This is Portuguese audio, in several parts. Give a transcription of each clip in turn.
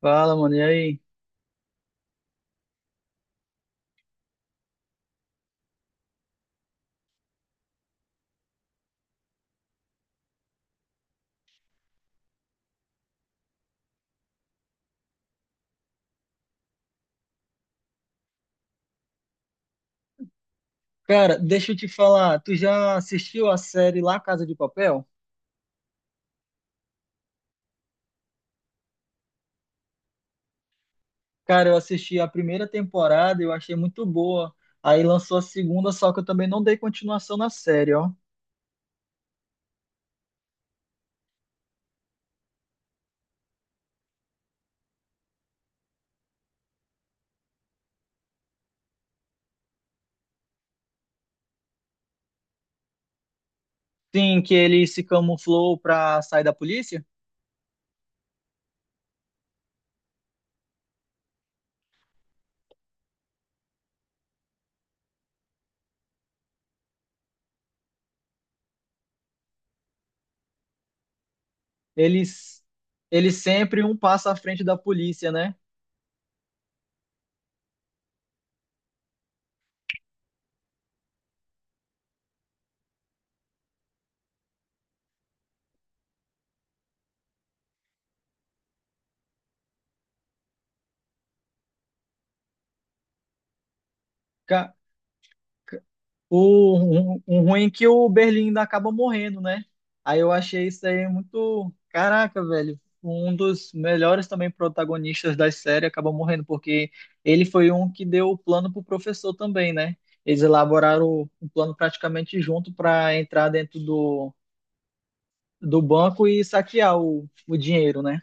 Fala, mano, e aí? Cara, deixa eu te falar, tu já assistiu a série La Casa de Papel? Cara, eu assisti a primeira temporada, eu achei muito boa. Aí lançou a segunda, só que eu também não dei continuação na série, ó. Sim, que ele se camuflou pra sair da polícia? Eles, eles sempre um passo à frente da polícia, né? O ruim é que o Berlim ainda acaba morrendo, né? Aí eu achei isso aí muito. Caraca, velho. Um dos melhores também protagonistas da série acaba morrendo, porque ele foi um que deu o plano pro professor também, né? Eles elaboraram um plano praticamente junto para entrar dentro do banco e saquear o dinheiro, né?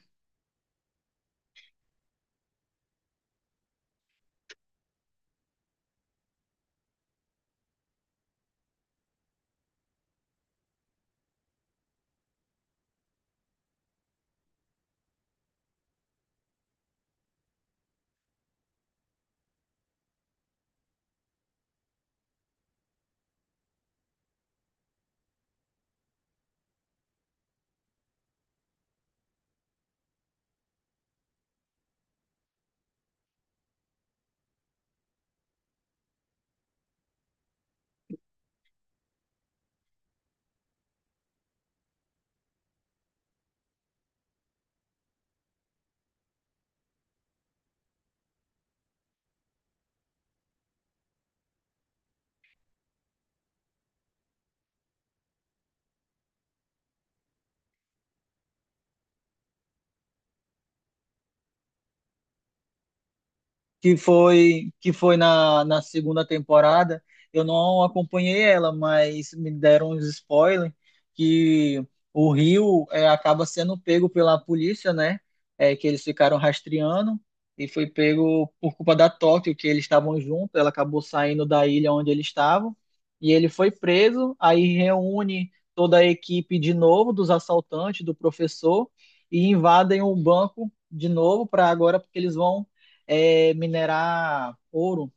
Que foi na segunda temporada. Eu não acompanhei ela, mas me deram uns spoilers que o Rio acaba sendo pego pela polícia, né? É, que eles ficaram rastreando e foi pego por culpa da Tóquio, que eles estavam juntos. Ela acabou saindo da ilha onde eles estavam e ele foi preso. Aí reúne toda a equipe de novo dos assaltantes, do professor e invadem o banco de novo para agora porque eles vão minerar ouro.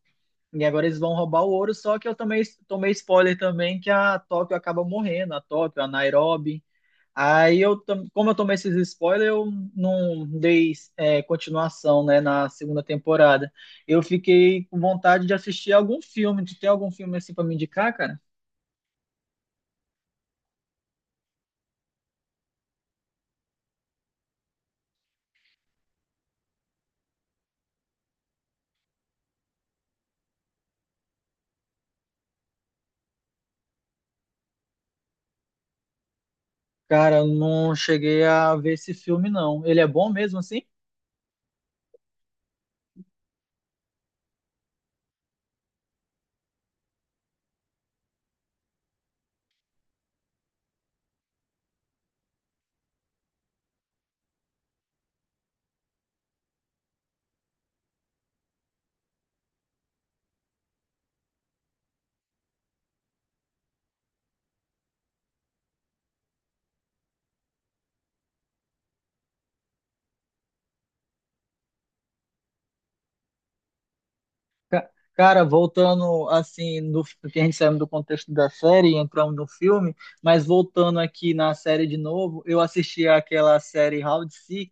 E agora eles vão roubar o ouro, só que eu também tomei spoiler também que a Tóquio acaba morrendo, a Tóquio, a Nairobi. Aí como eu tomei esses spoilers, eu não dei continuação, né, na segunda temporada. Eu fiquei com vontade de assistir algum filme. Tu tem algum filme assim para me indicar, cara? Cara, eu não cheguei a ver esse filme, não. Ele é bom mesmo assim? Ca- Cara, voltando assim, no, que a gente saiu do contexto da série e entramos no filme, mas voltando aqui na série de novo, eu assisti aquela série Round Six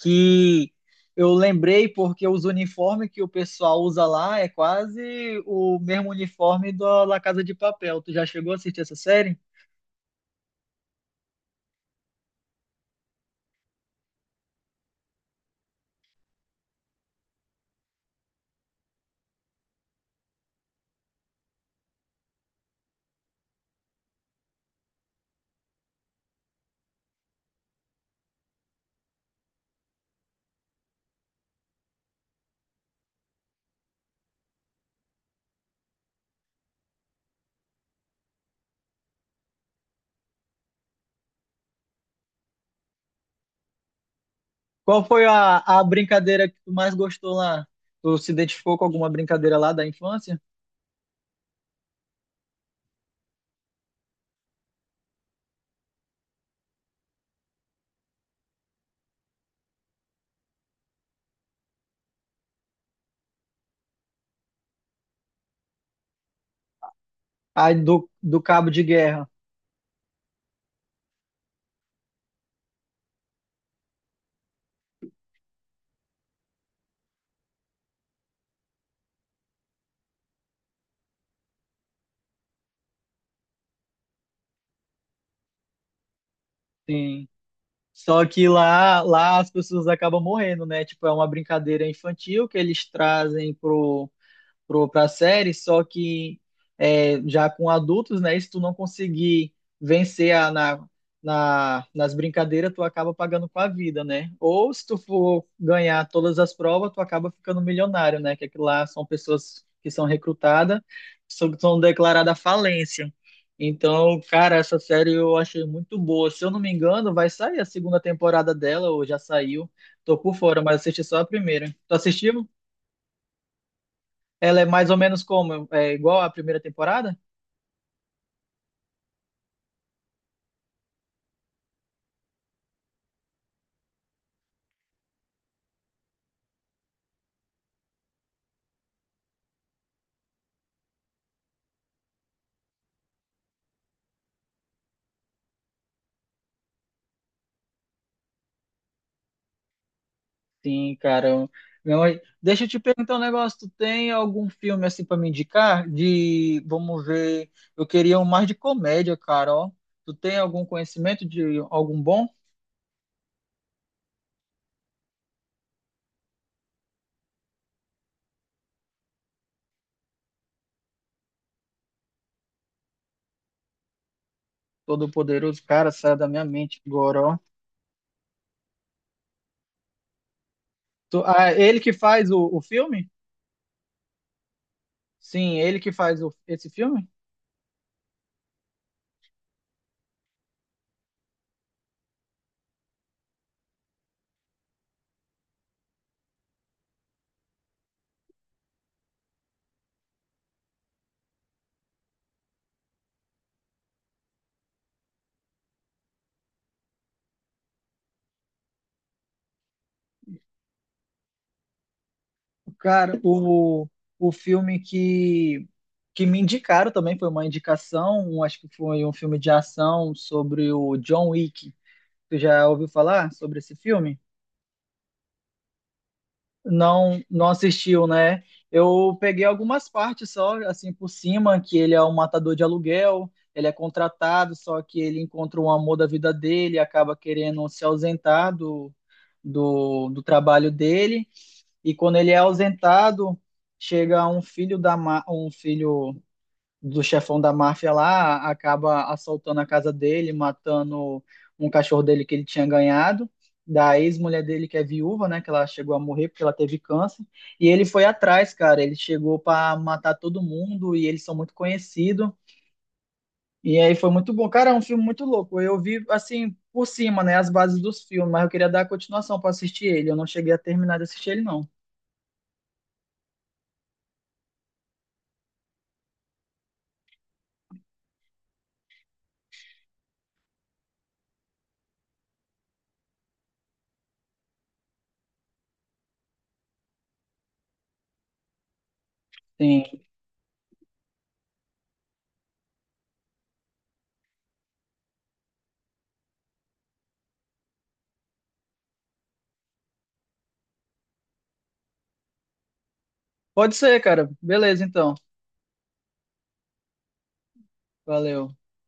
que eu lembrei porque os uniformes que o pessoal usa lá é quase o mesmo uniforme da La Casa de Papel. Tu já chegou a assistir essa série? Qual foi a brincadeira que tu mais gostou lá? Tu se identificou com alguma brincadeira lá da infância? A do cabo de guerra. Sim. Só que lá as pessoas acabam morrendo, né? Tipo, é uma brincadeira infantil que eles trazem para a série, só que já com adultos, né? Se tu não conseguir vencer nas brincadeiras, tu acaba pagando com a vida, né? Ou se tu for ganhar todas as provas, tu acaba ficando milionário, né? Que aquilo lá são pessoas que são recrutadas, são declaradas falência. Então, cara, essa série eu achei muito boa. Se eu não me engano, vai sair a segunda temporada dela, ou já saiu. Tô por fora, mas assisti só a primeira. Tu assistiu? Ela é mais ou menos como? É igual à primeira temporada? Sim, cara. Meu, deixa eu te perguntar um negócio. Tu tem algum filme assim pra me indicar? De, vamos ver. Eu queria um mais de comédia, cara, ó. Tu tem algum conhecimento de algum bom? Todo-Poderoso, cara, sai da minha mente agora, ó. É ele que faz o filme? Sim, ele que faz esse filme? Cara, o filme que me indicaram também foi uma indicação, acho que foi um filme de ação sobre o John Wick. Tu já ouviu falar sobre esse filme? Não, não assistiu, né? Eu peguei algumas partes só, assim, por cima, que ele é um matador de aluguel, ele é contratado, só que ele encontra o amor da vida dele, acaba querendo se ausentar do trabalho dele e quando ele é ausentado, chega um filho do chefão da máfia lá, acaba assaltando a casa dele, matando um cachorro dele que ele tinha ganhado, da ex-mulher dele que é viúva, né, que ela chegou a morrer porque ela teve câncer, e ele foi atrás, cara, ele chegou para matar todo mundo e eles são muito conhecidos. E aí foi muito bom. Cara, é um filme muito louco. Eu vi assim por cima, né, as bases dos filmes, mas eu queria dar a continuação para assistir ele. Eu não cheguei a terminar de assistir ele não. Tem Pode ser, cara. Beleza, então. Valeu.